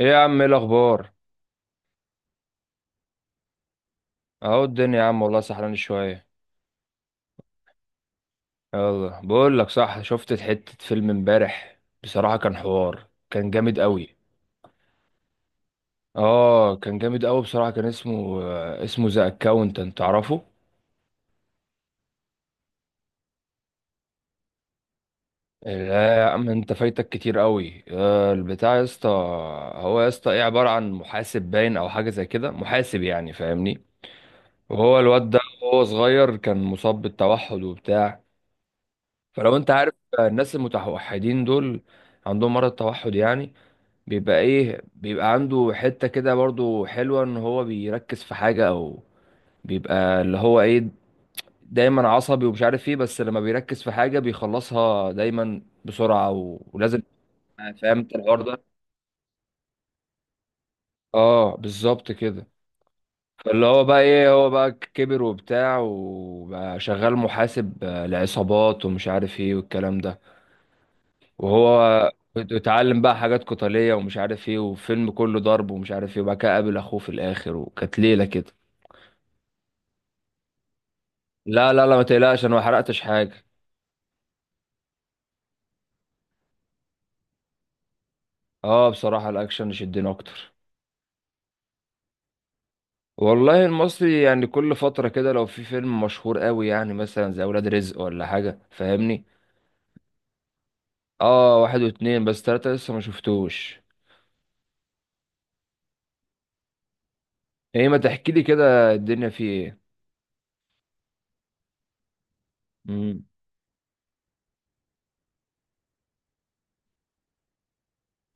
ايه يا عم، ايه الاخبار؟ اهو الدنيا يا عم، والله سحران شويه. يلا بقول لك، صح، شفت حته فيلم امبارح، بصراحه كان حوار، كان جامد قوي. اه، كان جامد قوي بصراحه. كان اسمه ذا اكاونتنت، تعرفه؟ لا يا عم، انت فايتك كتير قوي، البتاع يا اسطى. هو يا اسطى ايه، عباره عن محاسب، باين او حاجه زي كده، محاسب يعني، فاهمني. وهو الواد ده وهو صغير كان مصاب بالتوحد وبتاع. فلو انت عارف الناس المتوحدين دول، عندهم مرض التوحد يعني، بيبقى ايه، بيبقى عنده حتة كده برضو حلوة ان هو بيركز في حاجة، او بيبقى اللي هو ايه، دايما عصبي ومش عارف ايه، بس لما بيركز في حاجة بيخلصها دايما بسرعة، ولازم. فاهم انت الحوار ده؟ اه، بالظبط كده. فاللي هو بقى ايه، هو بقى كبر وبتاع، وبقى شغال محاسب لعصابات ومش عارف ايه والكلام ده. وهو اتعلم بقى حاجات قتالية ومش عارف ايه، وفيلم كله ضرب ومش عارف ايه، وبعد كده قابل اخوه في الاخر، وكانت ليلة كده. لا لا لا، ما تقلقش، انا ما حرقتش حاجة. اه، بصراحة الاكشن شدني اكتر. والله المصري يعني كل فترة كده، لو في فيلم مشهور قوي يعني، مثلا زي اولاد رزق ولا حاجة، فاهمني. اه، واحد واتنين، بس تلاتة لسه ما شفتوش. ايه ما تحكي لي كده الدنيا فيه ايه؟ امم.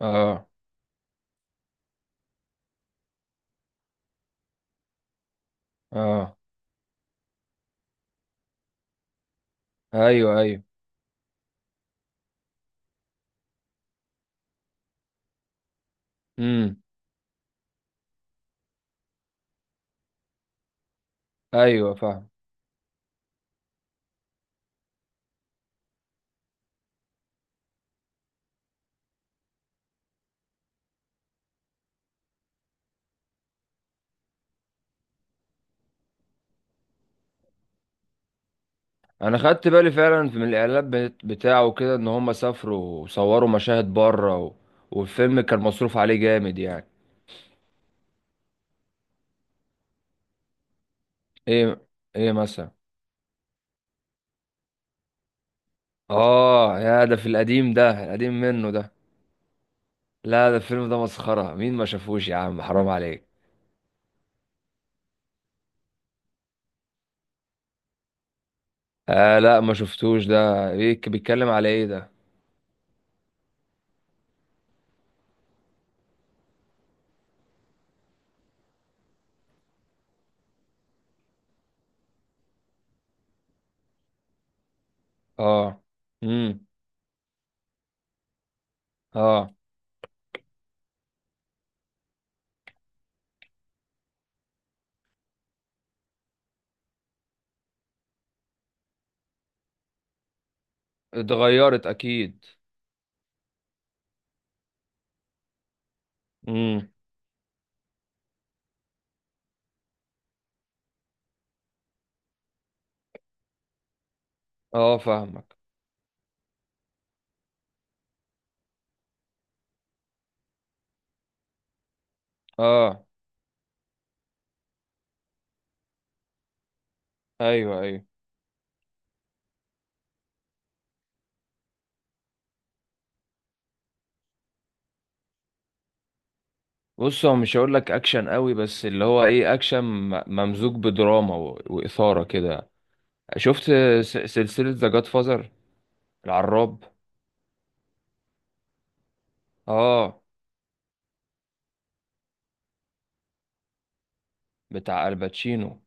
اه، اه. ايوه، ايوه. امم. ايوه، فاهم. انا خدت بالي فعلا من الاعلان بتاعه كده، ان هم سافروا وصوروا مشاهد بره، والفيلم كان مصروف عليه جامد يعني. ايه ايه مثلا؟ اه يا، ده في القديم، ده القديم منه ده. لا ده الفيلم ده مسخرة، مين ما شافوش يا عم، حرام عليك. آه، لا ما شفتوش ده. بيك بيتكلم على ايه ده؟ اه. امم. اه. اتغيرت اكيد. امم. اه، فاهمك. اه، ايوه، ايوه. بص، هو مش هقول لك اكشن قوي، بس اللي هو ايه، اكشن ممزوج بدراما واثاره كده. شفت سلسله ذا جاد فازر، العراب؟ اه، بتاع الباتشينو.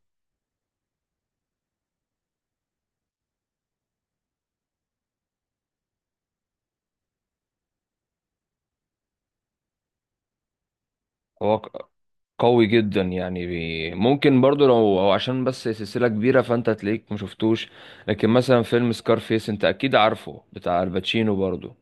هو قوي جدا يعني، ممكن برضو، لو هو عشان بس سلسله كبيره، فانت تلاقيك ما شفتوش. لكن مثلا فيلم سكارفيس انت اكيد عارفه، بتاع الباتشينو برضو.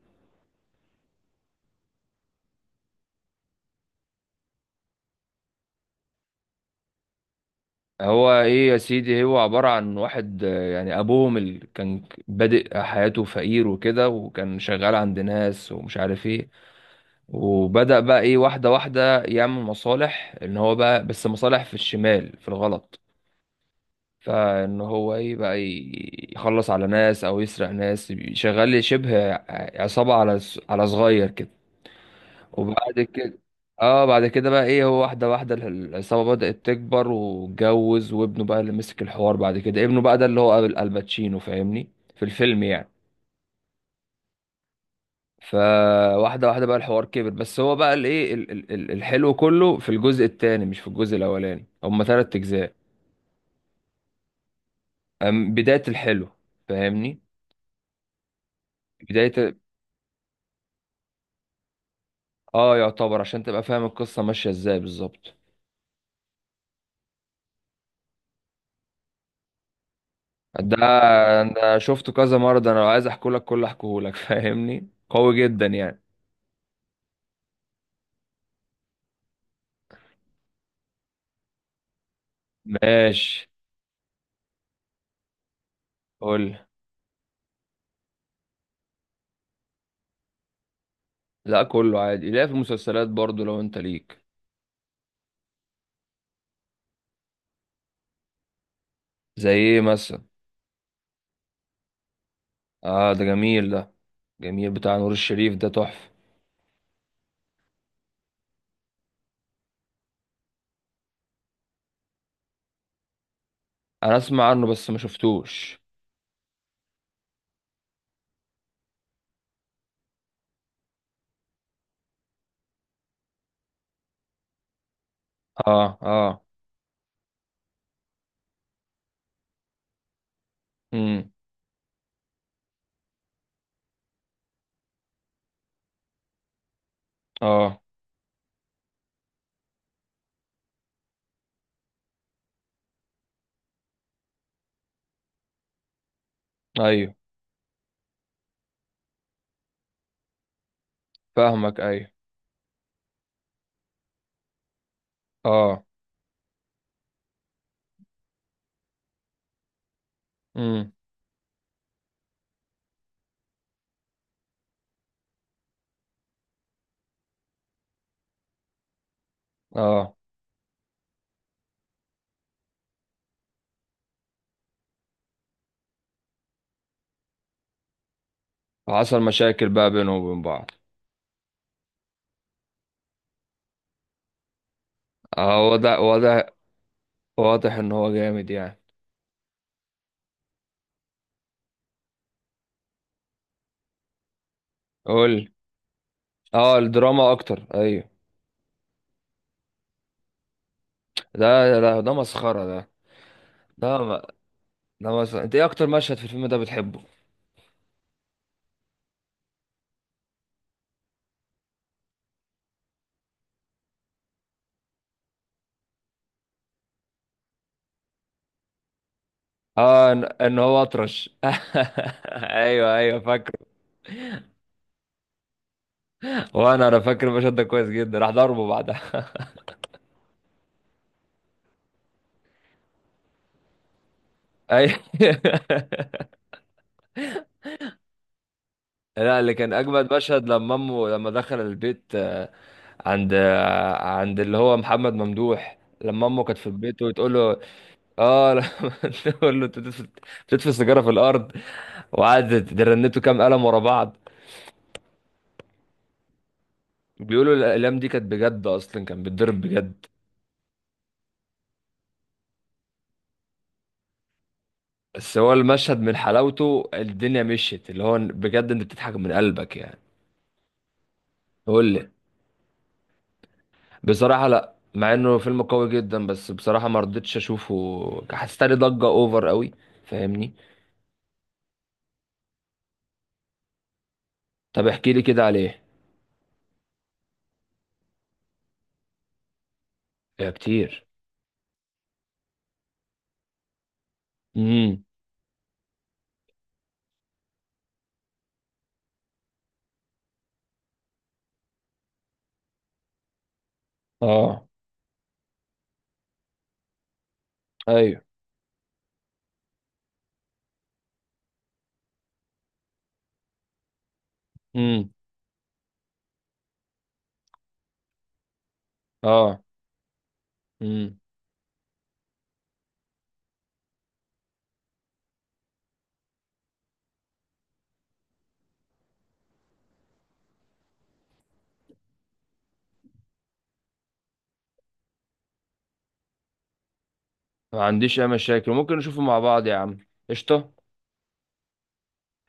هو ايه يا سيدي، هو عبارة عن واحد، يعني ابوهم اللي كان بادئ حياته فقير وكده، وكان شغال عند ناس ومش عارف ايه. وبدأ بقى ايه، واحدة واحدة، يعمل مصالح، ان هو بقى بس مصالح في الشمال في الغلط. فان هو ايه، بقى يخلص على ناس او يسرق ناس، شغال شبه عصابة، على صغير كده. وبعد كده، اه، بعد كده بقى ايه، هو واحده واحده العصابه بدأت تكبر واتجوز، وابنه بقى اللي مسك الحوار بعد كده، ابنه بقى ده اللي هو الباتشينو، فاهمني، في الفيلم يعني. فواحده واحده بقى الحوار كبر، بس هو بقى الايه، الحلو كله في الجزء الثاني مش في الجزء الاولاني. هما ثلاث اجزاء. بدايه الحلو، فاهمني، بدايه. اه، يعتبر عشان تبقى فاهم القصه ماشيه ازاي بالظبط. ده انا شفته كذا مره، ده انا لو عايز احكولك كله احكولك فاهمني، قوي جدا يعني. ماشي. قول. لا كله عادي، لا في المسلسلات برضو لو انت ليك. زي ايه مثلا؟ اه، ده جميل ده، جميل بتاع نور الشريف، ده تحفة. انا اسمع عنه بس ما شفتوش. اه، اه. امم. اه، ايوه، فاهمك. ايوه. اه. امم. اه. وحصل مشاكل بقى بينهم وبين بعض. اه، واضح، واضح، واضح ان هو جامد يعني. قول. اه، الدراما اكتر، ايوه. ده مسخرة ده. ده ده مثلا، انت ايه اكتر مشهد في الفيلم ده بتحبه؟ اه، إن هو اطرش ايوه، ايوه، فاكره. وانا فاكر المشهد ده كويس جدا، راح ضربه بعدها. ايوه لا، اللي كان اجمد مشهد لما دخل البيت، عند اللي هو محمد ممدوح، لما امه كانت في البيت وتقول له. اه، لما تقول له انت بتدفن سيجاره في الارض، وقعدت رنته كام قلم ورا بعض. بيقولوا الأقلام دي كانت بجد، أصلا كان بيتضرب بجد. بس هو المشهد من حلاوته الدنيا مشيت، اللي هو بجد انت بتضحك من قلبك يعني. قول لي. بصراحة لا، مع انه فيلم قوي جدا، بس بصراحة ما رضيتش اشوفه، حسيت لي ضجة اوفر قوي، فاهمني. طب احكي لي كده عليه. يا كتير. امم. اه. ايوه. امم. اه. امم. ما عنديش اي مشاكل، ممكن نشوفه مع بعض يا عم، قشطة.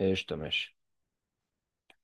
قشطة، ماشي.